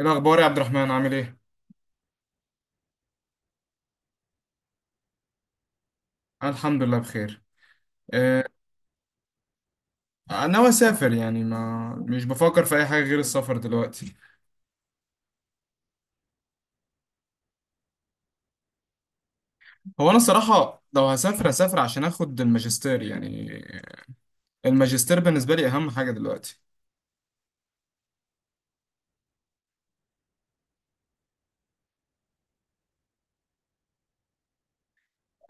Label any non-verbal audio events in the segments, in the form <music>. إيه الأخبار يا عبد الرحمن عامل إيه؟ الحمد لله بخير. آه، أنا ناوي أسافر، يعني ما مش بفكر في أي حاجة غير السفر دلوقتي. هو أنا الصراحة لو هسافر هسافر عشان آخد الماجستير. يعني الماجستير بالنسبة لي أهم حاجة دلوقتي.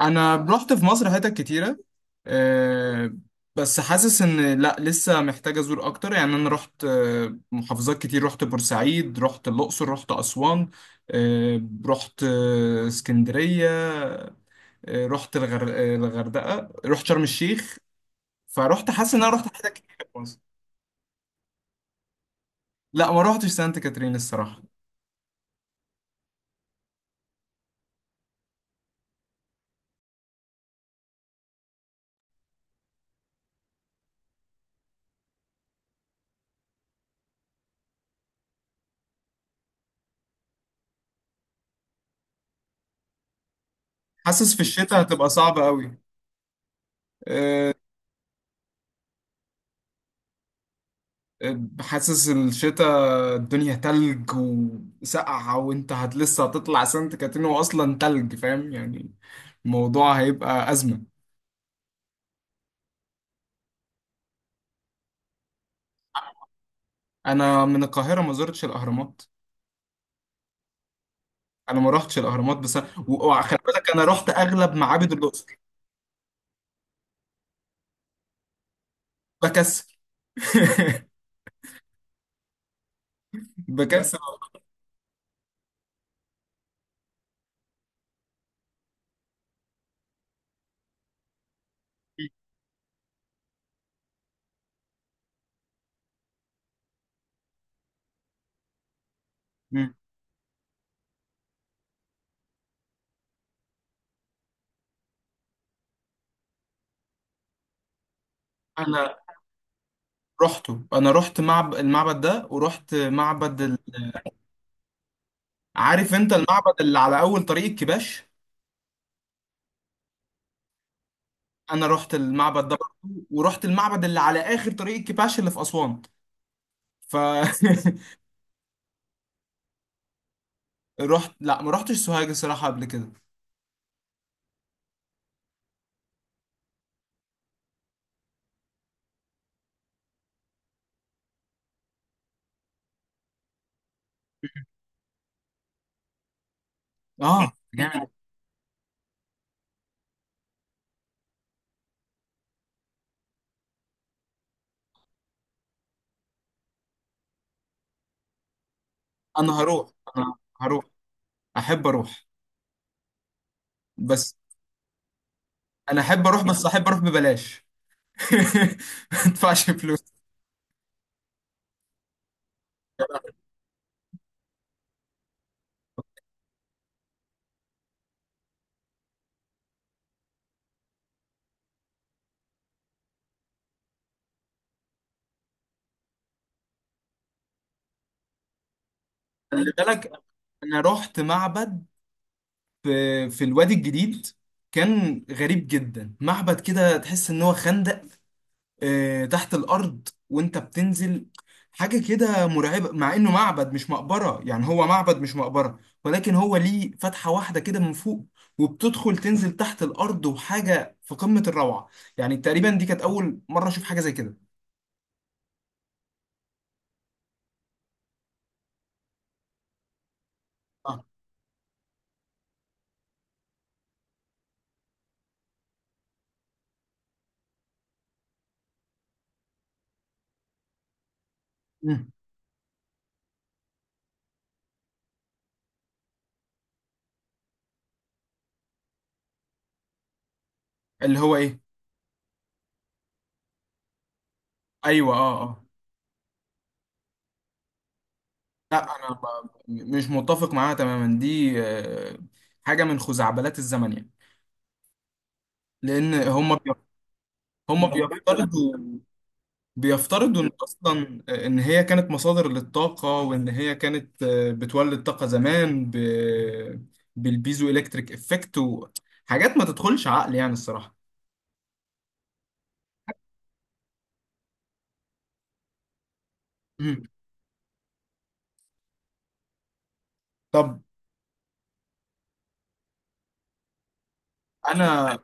أنا رحت في مصر حتت كتيرة، آه، بس حاسس إن لأ، لسه محتاج أزور أكتر. يعني أنا رحت محافظات كتير، رحت بورسعيد، رحت الأقصر، رحت أسوان، رحت اسكندرية، رحت الغردقه، رحت شرم الشيخ. فرحت حاسس ان انا رحت حتت كتير في مصر. لا، ما رحتش سانت كاترين الصراحه. حاسس في الشتاء هتبقى صعبه قوي. آه، حاسس الشتاء الدنيا تلج وسقعة، وانت لسه هتطلع سانت كاترين، واصلا تلج، فاهم يعني. الموضوع هيبقى أزمة. انا من القاهرة، ما زرتش الاهرامات. انا ما رحتش الاهرامات بس. وخلي بالك انا رحت اغلب معابد الاقصر. بكسل. <laughs> بكسل أروح. مم. انا رحته، انا المعبد ده، ورحت معبد. عارف انت المعبد اللي على اول طريق الكباش؟ انا رحت المعبد ده برضه، ورحت المعبد اللي على اخر طريق الكباش اللي في اسوان. ف <laughs> رحت. لا، ما رحتش سوهاج الصراحه قبل كده. اه جامد. انا هروح، انا هروح، احب اروح بس. احب اروح ببلاش. <laughs> ما ادفعش فلوس. خلي بالك انا رحت معبد في الوادي الجديد. كان غريب جدا، معبد كده تحس ان هو خندق، تحت الارض وانت بتنزل. حاجة كده مرعبة، مع انه معبد مش مقبرة، يعني هو معبد مش مقبرة، ولكن هو ليه فتحة واحدة كده من فوق، وبتدخل تنزل تحت الارض، وحاجة في قمة الروعة. يعني تقريبا دي كانت اول مرة اشوف حاجة زي كده. آه. مم. اللي هو ايه؟ ايوه، اه اه. انا مش متفق معاها تماما دي. حاجة من خزعبلات الزمن يعني. لان هم بيفترضوا، بيفترضوا ان اصلا ان هي كانت مصادر للطاقه، وان هي كانت بتولد طاقه زمان بالبيزو الكتريك افكت، وحاجات ما تدخلش عقل يعني الصراحه. مم. طب انا،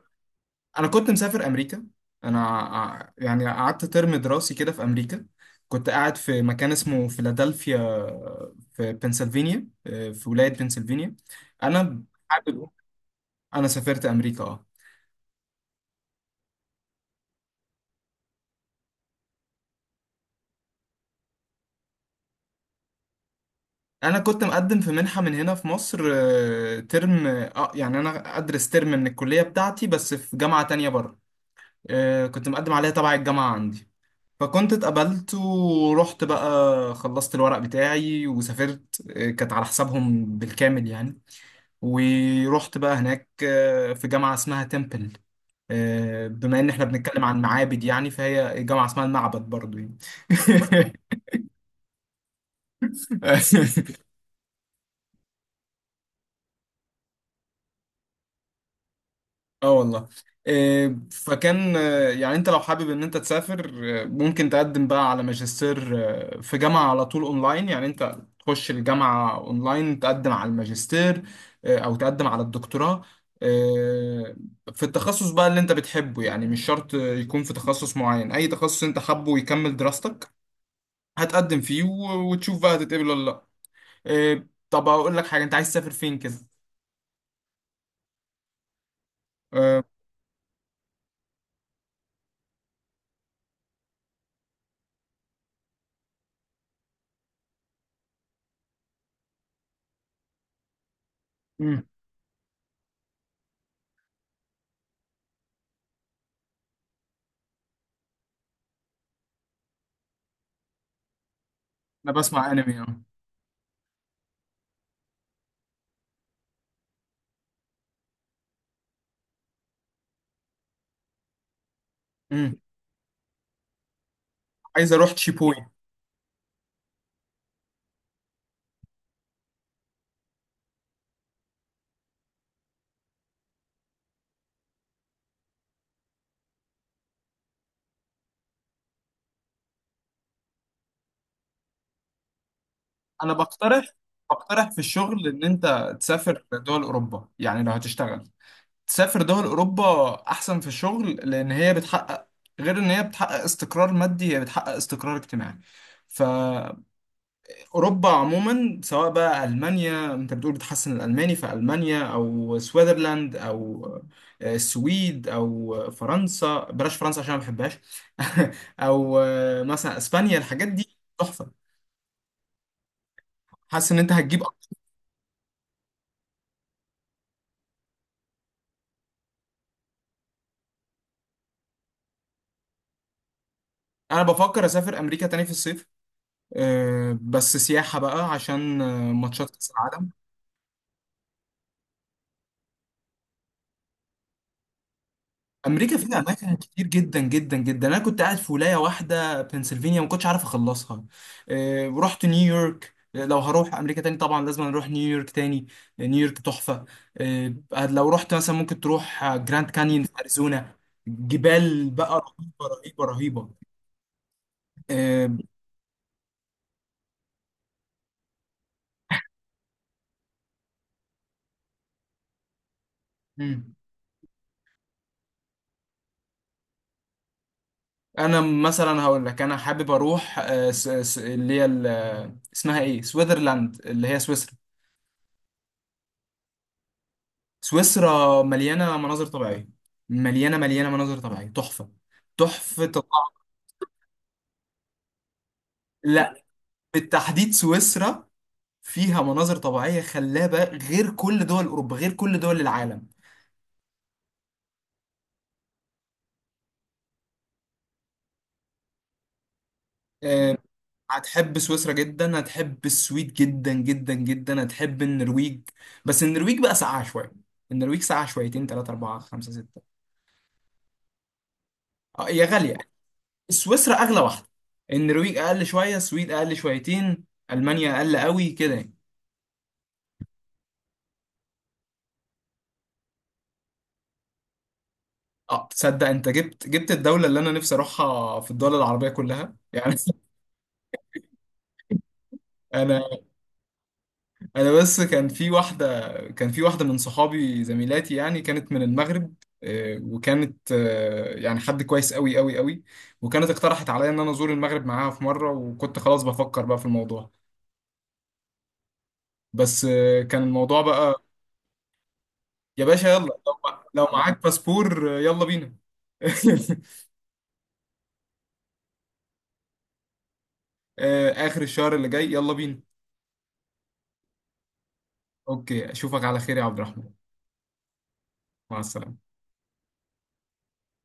انا كنت مسافر امريكا. يعني قعدت ترم دراسي كده في امريكا، كنت قاعد في مكان اسمه فيلادلفيا، في بنسلفانيا، في ولايه بنسلفانيا. انا حابب، انا سافرت امريكا اه. انا كنت مقدم في منحة من هنا في مصر، ترم، اه يعني انا ادرس ترم من الكلية بتاعتي بس في جامعة تانية بره. كنت مقدم عليها تبع الجامعة عندي، فكنت اتقبلت ورحت بقى. خلصت الورق بتاعي وسافرت، كانت على حسابهم بالكامل يعني. ورحت بقى هناك، في جامعة اسمها تمبل. بما ان احنا بنتكلم عن معابد يعني، فهي جامعة اسمها المعبد برضو يعني. <laughs> اه والله. إيه، فكان، يعني انت لو حابب ان انت تسافر، ممكن تقدم بقى على ماجستير، في جامعة على طول اونلاين. يعني انت تخش الجامعة اونلاين، تقدم على الماجستير، او تقدم على الدكتوراه، آه، في التخصص بقى اللي انت بتحبه. يعني مش شرط يكون في تخصص معين، اي تخصص انت حابه ويكمل دراستك هتقدم فيه، وتشوف بقى هتتقبل ولا لا. إيه، طب اقول لك حاجة، انت عايز تسافر فين كده؟ آه، مم، انا بسمع انمي اه. مم. عايز اروح تشيبوي. انا بقترح، بقترح في الشغل ان انت تسافر دول اوروبا. يعني لو هتشتغل تسافر دول اوروبا احسن في الشغل، لان هي بتحقق، غير ان هي بتحقق استقرار مادي، هي بتحقق استقرار اجتماعي. فاوروبا عموما، سواء بقى المانيا، انت بتقول بتحسن الالماني في المانيا، او سويسرلاند، او السويد، او فرنسا، بلاش فرنسا عشان ما بحبهاش. <laughs> او مثلا اسبانيا، الحاجات دي تحفه. حاسس ان انت هتجيب. انا بفكر اسافر امريكا تاني في الصيف، أه بس سياحه بقى عشان ماتشات كاس العالم. امريكا فيها اماكن كتير جدا جدا جدا، انا كنت قاعد في ولايه واحده بنسلفانيا ما كنتش عارف اخلصها. أه رحت نيويورك، لو هروح امريكا تاني طبعا لازم اروح نيويورك تاني. نيويورك تحفه. أه لو رحت مثلا ممكن تروح جراند كانيون في اريزونا. جبال بقى رهيبه رهيبه رهيبه. أه مم. انا مثلا هقول لك، انا حابب اروح، آه، س- س- اللي هي ال- آه، اسمها ايه، سويسرلاند، اللي هي سويسرا. سويسرا مليانه مناظر طبيعيه، مليانه مليانه مناظر طبيعيه تحفه. تحفه الطبيعة. لا، بالتحديد سويسرا فيها مناظر طبيعيه خلابه، غير كل دول اوروبا، غير كل دول العالم. آه، هتحب سويسرا جدا، هتحب السويد جدا جدا جدا، هتحب النرويج، بس النرويج بقى ساقعه شويه. النرويج ساقعه شويتين، 3 4 5 6. اه هي غالية. سويسرا اغلى واحده، النرويج اقل شويه، السويد اقل شويتين، المانيا اقل قوي كده يعني. اه تصدق انت جبت جبت الدوله اللي انا نفسي اروحها في الدول العربيه كلها يعني. <laughs> انا، انا بس كان في واحده، كان في واحده من صحابي زميلاتي يعني، كانت من المغرب، وكانت يعني حد كويس قوي قوي قوي. وكانت اقترحت عليا ان انا ازور المغرب معاها في مره، وكنت خلاص بفكر بقى في الموضوع، بس كان الموضوع بقى. يا باشا يلا، لو معاك باسبور يلا بينا. <laughs> آخر الشهر اللي جاي يلا بينا. اوكي، اشوفك على خير يا عبد الرحمن. مع السلامة.